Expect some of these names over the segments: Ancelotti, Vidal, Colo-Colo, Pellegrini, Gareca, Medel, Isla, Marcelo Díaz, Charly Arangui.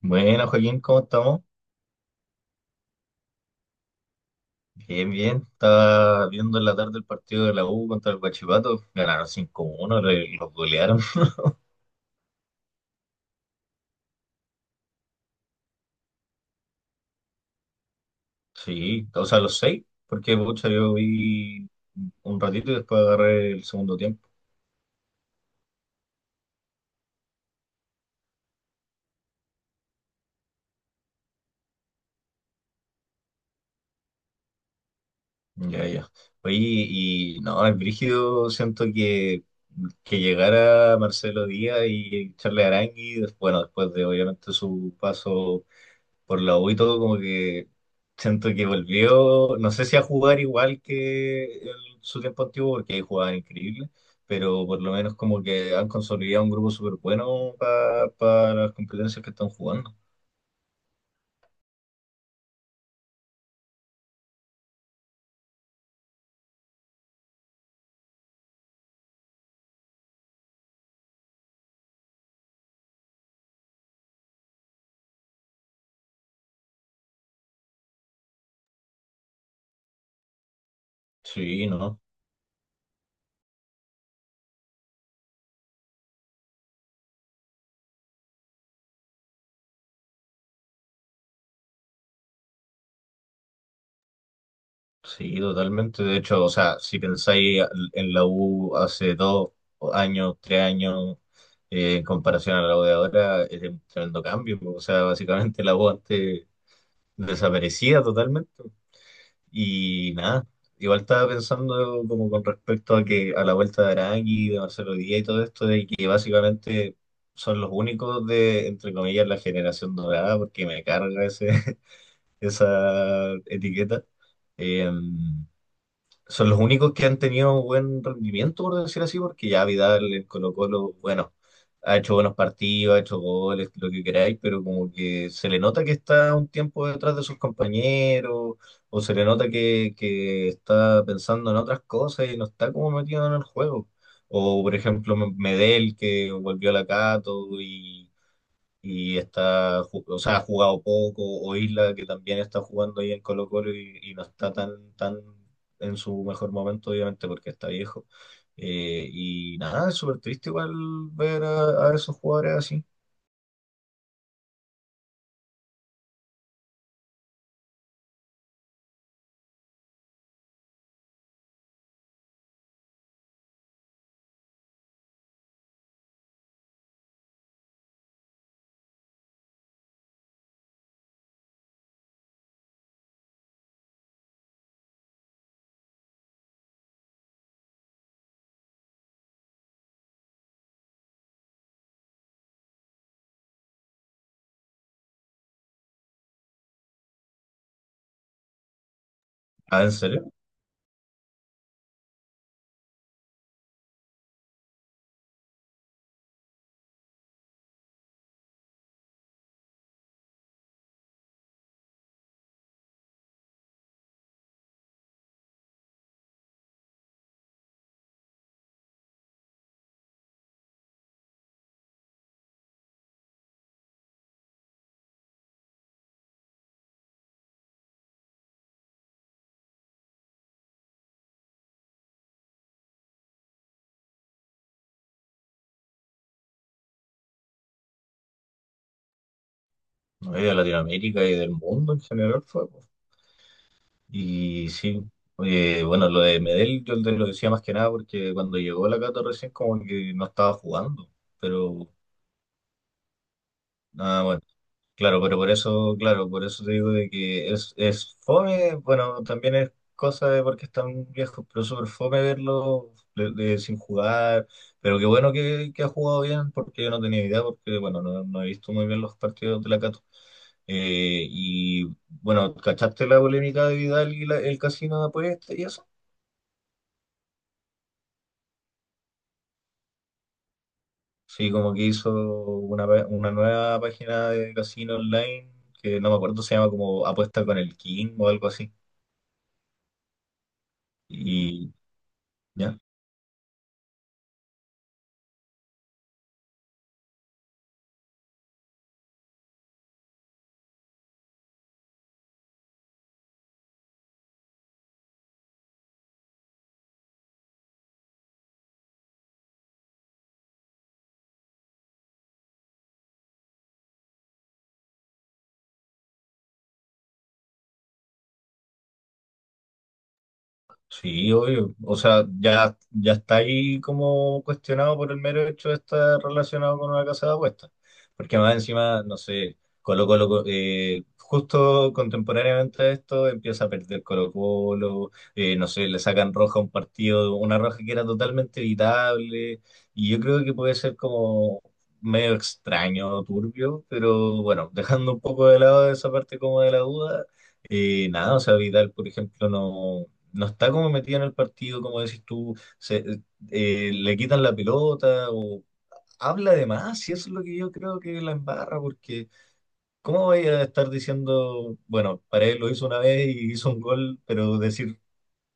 Bueno, Joaquín, ¿cómo estamos? Bien, bien. Estaba viendo en la tarde el partido de la U contra el Guachipato. Ganaron cinco uno los golearon. Sí, o sea, los seis, porque pucha, yo vi un ratito y después agarré el segundo tiempo. Ya, ya. Oye, y no, el brígido, siento que llegara Marcelo Díaz y Charly Arangui, bueno, después de obviamente su paso por la U y todo, como que siento que volvió, no sé si a jugar igual que en su tiempo antiguo, porque ahí jugaban increíble, pero por lo menos como que han consolidado un grupo súper bueno para las competencias que están jugando. Sí, no, sí, totalmente. De hecho, o sea, si pensáis en la U hace dos años, tres años, en comparación a la U de ahora, es un tremendo cambio. O sea, básicamente la U antes desaparecía totalmente. Y nada, igual estaba pensando como con respecto a que a la vuelta de Arangui, de Marcelo Díaz y todo esto, de que básicamente son los únicos de, entre comillas, la generación dorada, porque me carga ese, esa etiqueta. Eh, Son los únicos que han tenido buen rendimiento, por decir así, porque ya Vidal en Colo-Colo, bueno, ha hecho buenos partidos, ha hecho goles, lo que queráis, pero como que se le nota que está un tiempo detrás de sus compañeros, o se le nota que está pensando en otras cosas y no está como metido en el juego. O, por ejemplo, Medel, que volvió a la Cato y o sea, ha jugado poco, o Isla que también está jugando ahí en Colo-Colo y no está tan en su mejor momento, obviamente, porque está viejo. Y nada, es súper triste igual ver a esos jugadores así. Ah, ¿en serio? No, y de Latinoamérica y del mundo en general fue. Po. Y sí, bueno, lo de Medel yo te lo decía más que nada porque cuando llegó la Cato recién como que no estaba jugando, pero nada, bueno. Claro, pero por eso, claro, por eso te digo de que es fome, bueno, también es cosa de porque están viejos, pero es súper fome verlo sin jugar, pero qué bueno que ha jugado bien, porque yo no tenía idea, porque bueno, no he visto muy bien los partidos de la Cato. Eh, y bueno, ¿cachaste la polémica de Vidal y el casino de apuestas y eso? Sí, como que hizo una, una nueva página de casino online, que no me acuerdo, se llama como Apuesta con el King o algo así, y... ¿ya? Sí, obvio. O sea, ya, ya está ahí como cuestionado por el mero hecho de estar relacionado con una casa de apuestas. Porque más encima, no sé, Colo Colo, justo contemporáneamente a esto empieza a perder Colo Colo, no sé, le sacan roja a un partido, una roja que era totalmente evitable. Y yo creo que puede ser como medio extraño, turbio, pero bueno, dejando un poco de lado esa parte como de la duda. Nada, o sea, Vidal, por ejemplo, no está como metida en el partido, como decís tú, se, le quitan la pelota o habla de más, y eso es lo que yo creo que la embarra, porque ¿cómo voy a estar diciendo, bueno, para lo hizo una vez y hizo un gol, pero decir,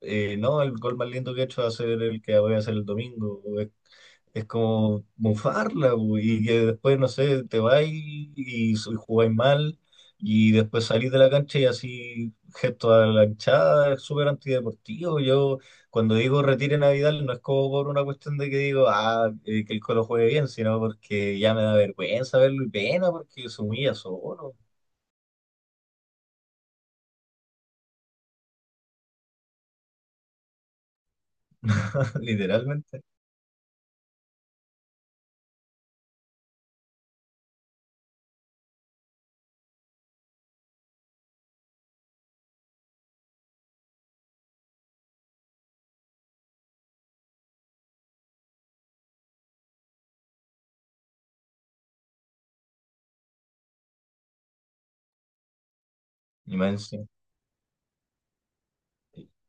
no, el gol más lindo que he hecho va a ser el que voy a hacer el domingo, es como bufarla, bu, y que después, no sé, te vas y jugáis mal, y después salís de la cancha y así, gesto a la hinchada, es súper antideportivo. Yo, cuando digo retiren a Vidal, no es como por una cuestión de que digo, ah, que el Colo juegue bien, sino porque ya me da vergüenza verlo y pena porque se humilla solo, literalmente. Y más encima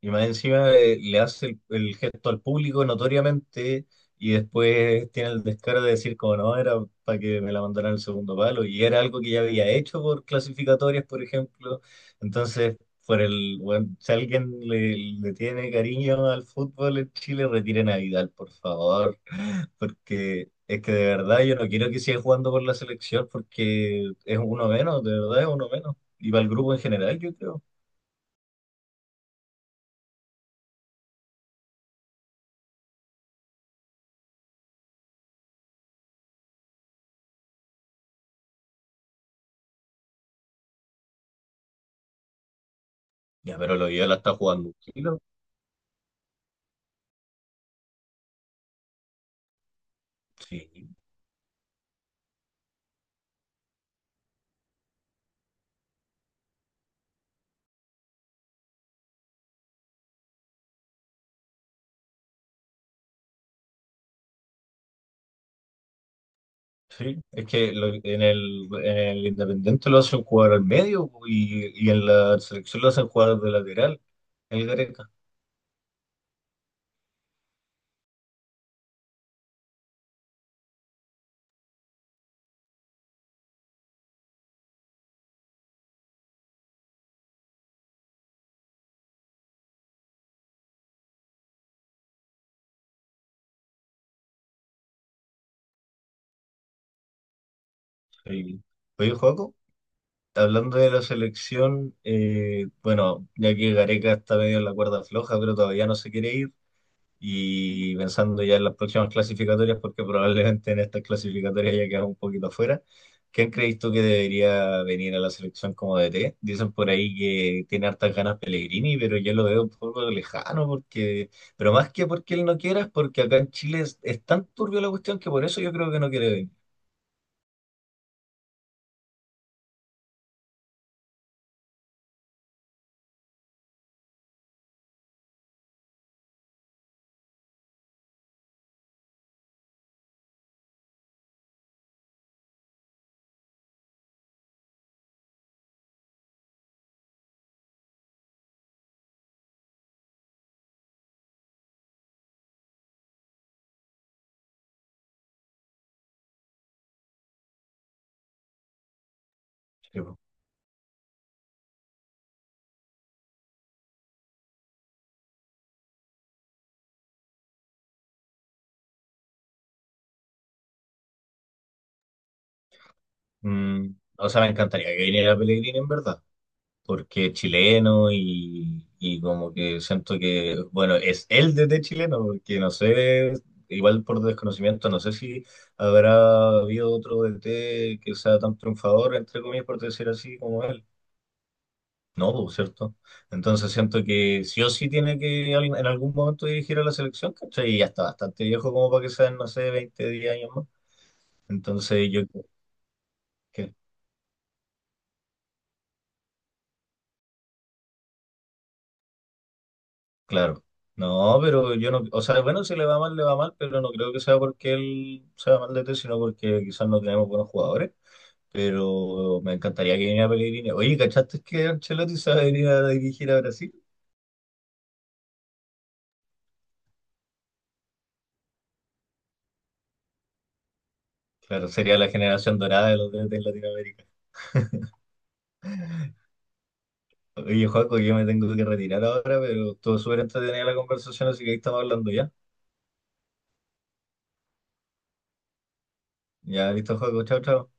Y más encima le hace el gesto al público notoriamente y después tiene el descaro de decir como no, era para que me la mandaran al segundo palo y era algo que ya había hecho por clasificatorias, por ejemplo. Entonces, por el, bueno, si alguien le tiene cariño al fútbol en Chile, retiren a Vidal, por favor, porque es que de verdad yo no quiero que siga jugando por la selección porque es uno menos, de verdad es uno menos. Y para el grupo en general, yo creo. Ya, pero lo la está jugando. Sí, sí, es que en en el Independiente lo hacen jugar al medio y en la selección lo hacen jugar de lateral, el Gareca. Sí. Oye, Joaco, hablando de la selección, bueno, ya que Gareca está medio en la cuerda floja, pero todavía no se quiere ir, y pensando ya en las próximas clasificatorias, porque probablemente en estas clasificatorias ya quedas un poquito afuera. ¿Quién crees tú que debería venir a la selección como DT? Dicen por ahí que tiene hartas ganas Pellegrini, pero yo lo veo un poco lejano, porque, pero más que porque él no quiera, es porque acá en Chile es tan turbio la cuestión que por eso yo creo que no quiere venir. Sí, po. Mm, o sea, me encantaría que viniera Pellegrini en verdad. Porque es chileno y como que siento que, bueno, es él desde chileno, porque no sé, igual por desconocimiento, no sé si habrá habido otro DT que sea tan triunfador, entre comillas, por decir así, como él. No, pues, ¿cierto? Entonces siento que sí o sí tiene que en algún momento dirigir a la selección, ¿cachai? Y ya está bastante viejo como para que sean, no sé, 20 10 años más. Entonces yo... Claro. No, pero yo no, o sea, bueno, si le va mal, le va mal, pero no creo que sea porque él sea mal de té, sino porque quizás no tenemos buenos jugadores. Pero me encantaría que viniera Pellegrini. Oye, ¿cachaste que Ancelotti se va a venir a dirigir a Brasil? Claro, sería la generación dorada de los DT en Latinoamérica. Oye, Joaco, yo me tengo que retirar ahora, pero estuvo súper entretenida la conversación, así que ahí estamos hablando ya. Ya, listo, Joaco, chao, chao.